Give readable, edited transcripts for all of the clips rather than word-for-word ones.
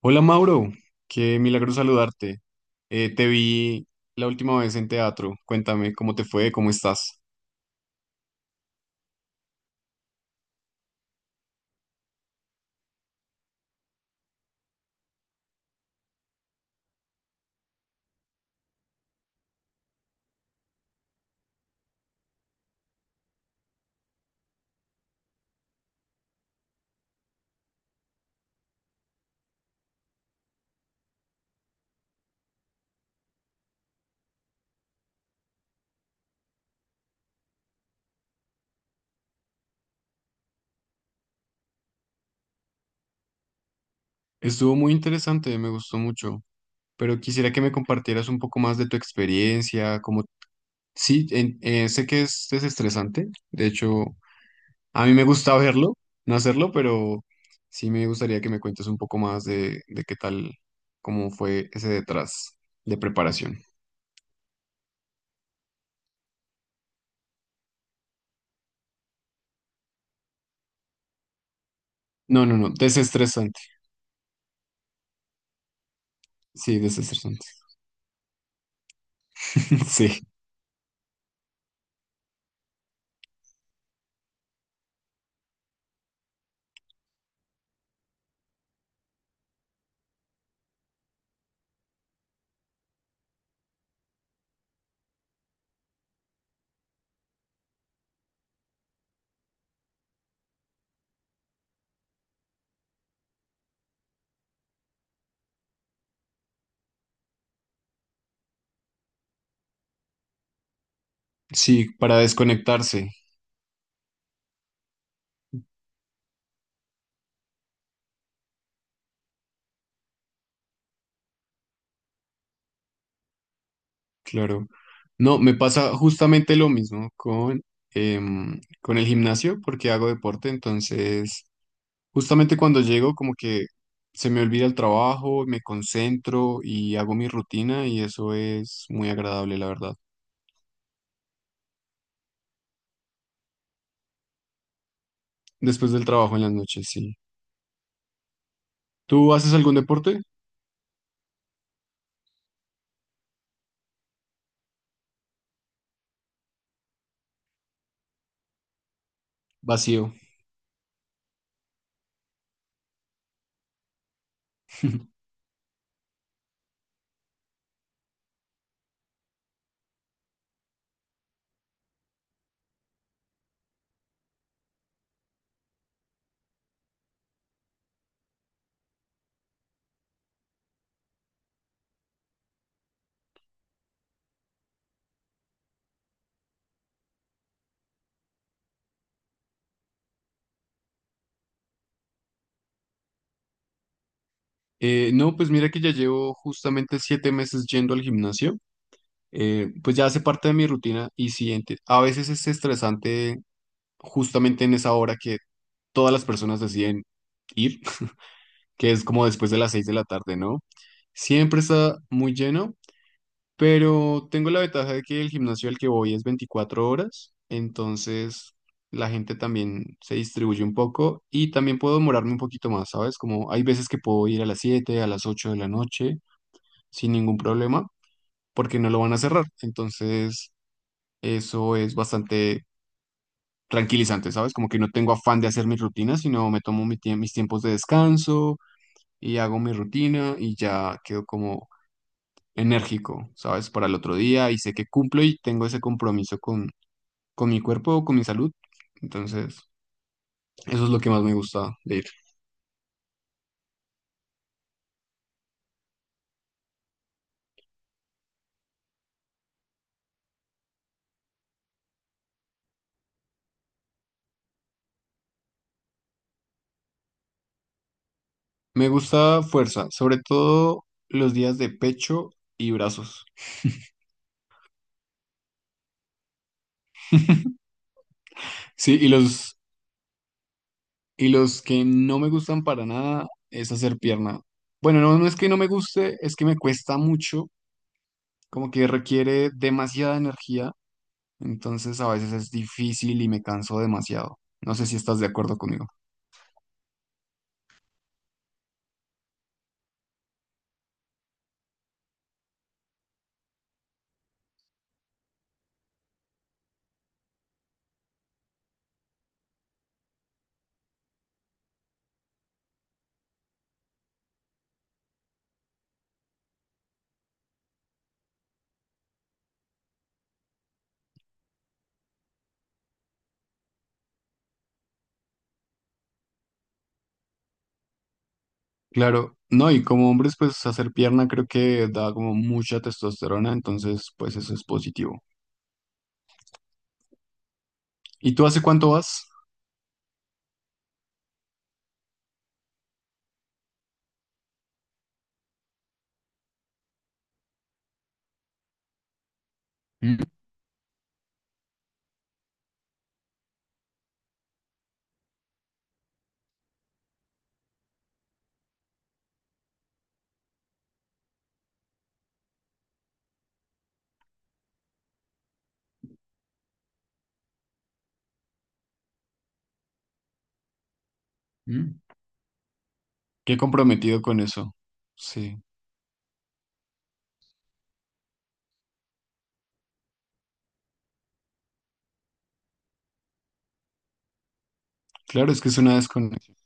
Hola Mauro, qué milagro saludarte. Te vi la última vez en teatro. Cuéntame cómo te fue, cómo estás. Estuvo muy interesante, me gustó mucho, pero quisiera que me compartieras un poco más de tu experiencia, como sí, sé que es desestresante, de hecho, a mí me gusta verlo, no hacerlo, pero sí me gustaría que me cuentes un poco más de qué tal, cómo fue ese detrás de preparación. No, no, no, desestresante. Sí, desestresante. Sí. Sí, para desconectarse, claro. No, me pasa justamente lo mismo con el gimnasio porque hago deporte, entonces justamente cuando llego como que se me olvida el trabajo, me concentro y hago mi rutina y eso es muy agradable, la verdad. Después del trabajo en las noches, sí. ¿Tú haces algún deporte? Vacío. No, pues mira que ya llevo justamente 7 meses yendo al gimnasio. Pues ya hace parte de mi rutina y sí, a veces es estresante justamente en esa hora que todas las personas deciden ir, que es como después de las 6 de la tarde, ¿no? Siempre está muy lleno, pero tengo la ventaja de que el gimnasio al que voy es 24 horas, entonces la gente también se distribuye un poco y también puedo demorarme un poquito más, ¿sabes? Como hay veces que puedo ir a las 7, a las 8 de la noche sin ningún problema, porque no lo van a cerrar, entonces eso es bastante tranquilizante, ¿sabes? Como que no tengo afán de hacer mis rutinas, sino me tomo mis tiempos de descanso y hago mi rutina y ya quedo como enérgico, ¿sabes? Para el otro día y sé que cumplo y tengo ese compromiso con mi cuerpo, con mi salud. Entonces, eso es lo que más me gusta de ir. Me gusta fuerza, sobre todo los días de pecho y brazos. Sí, y los que no me gustan para nada es hacer pierna. Bueno, no, no es que no me guste, es que me cuesta mucho, como que requiere demasiada energía, entonces a veces es difícil y me canso demasiado. No sé si estás de acuerdo conmigo. Claro, no, y como hombres, pues hacer pierna creo que da como mucha testosterona, entonces pues eso es positivo. ¿Y tú hace cuánto vas? Mm, mm. Qué comprometido con eso. Sí, claro, es que es una desconexión.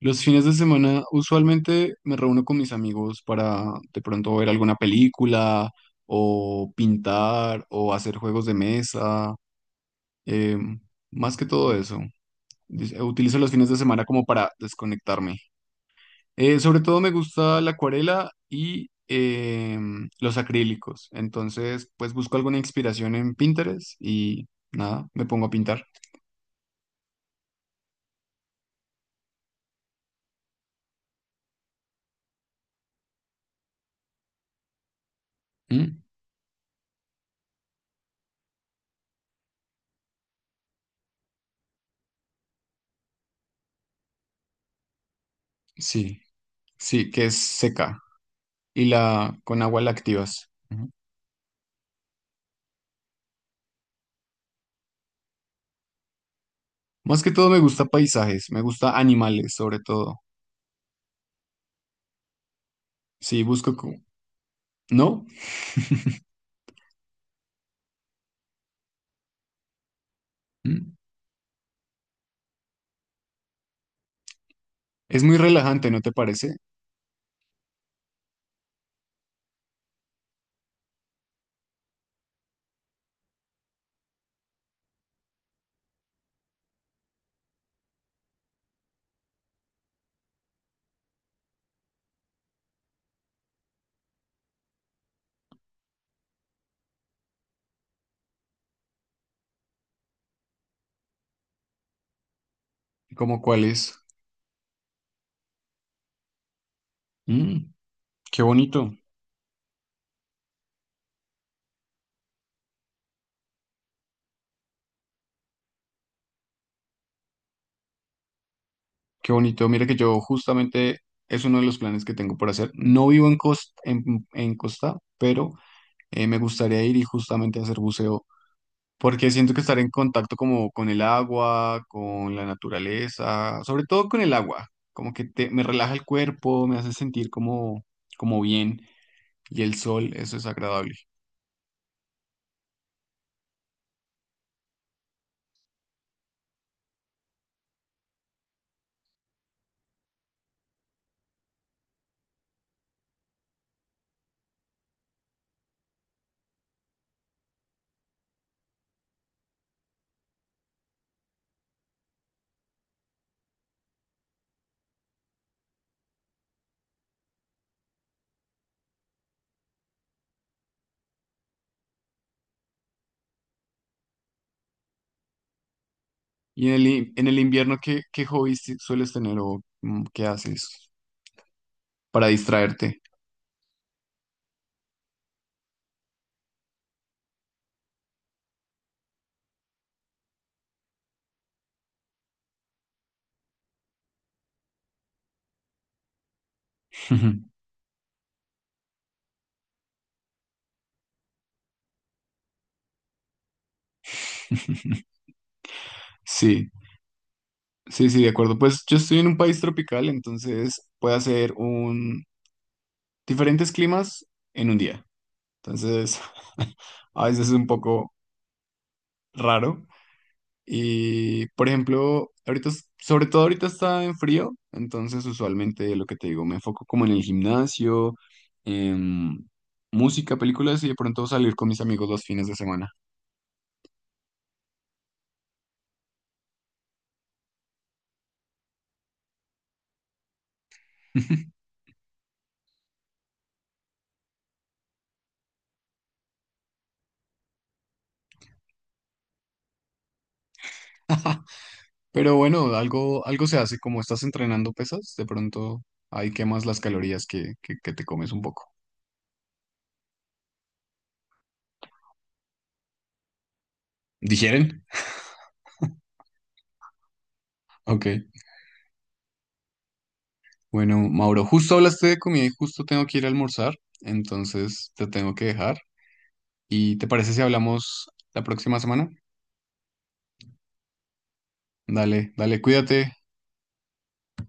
Los fines de semana usualmente me reúno con mis amigos para de pronto ver alguna película o pintar o hacer juegos de mesa. Eh, Más que todo eso, utilizo los fines de semana como para desconectarme. Sobre todo me gusta la acuarela y los acrílicos. Entonces, pues busco alguna inspiración en Pinterest y nada, me pongo a pintar. Mm. Sí, sí, que es seca y la con agua la activas. Ujú. Más que todo me gusta paisajes, me gusta animales sobre todo. Sí, busco co- ¿No? Mm. Es muy relajante, ¿no te parece? ¿Como cuál es? Mm, qué bonito. Qué bonito. Mira que yo justamente es uno de los planes que tengo por hacer. No vivo en Costa, en Costa, pero me gustaría ir y justamente hacer buceo, porque siento que estar en contacto como con el agua, con la naturaleza, sobre todo con el agua, como que te, me relaja el cuerpo, me hace sentir como, como bien y el sol, eso es agradable. Y en en el invierno, ¿ qué hobbies sueles tener o qué haces para distraerte? Sí. Sí, sí, de acuerdo. Pues yo estoy en un país tropical, entonces puedo hacer un diferentes climas en un día. Entonces, a veces es un poco raro. Y, por ejemplo, ahorita, sobre todo ahorita está en frío, entonces usualmente lo que te digo, me enfoco como en el gimnasio, en música, películas y de pronto salir con mis amigos los fines de semana. Pero bueno, algo, algo se hace, como estás entrenando pesas, de pronto ahí quemas las calorías que te comes un poco. ¿Digieren? Ok. Bueno, Mauro, justo hablaste de comida y justo tengo que ir a almorzar, entonces te tengo que dejar. ¿Y te parece si hablamos la próxima semana? Dale, dale, cuídate.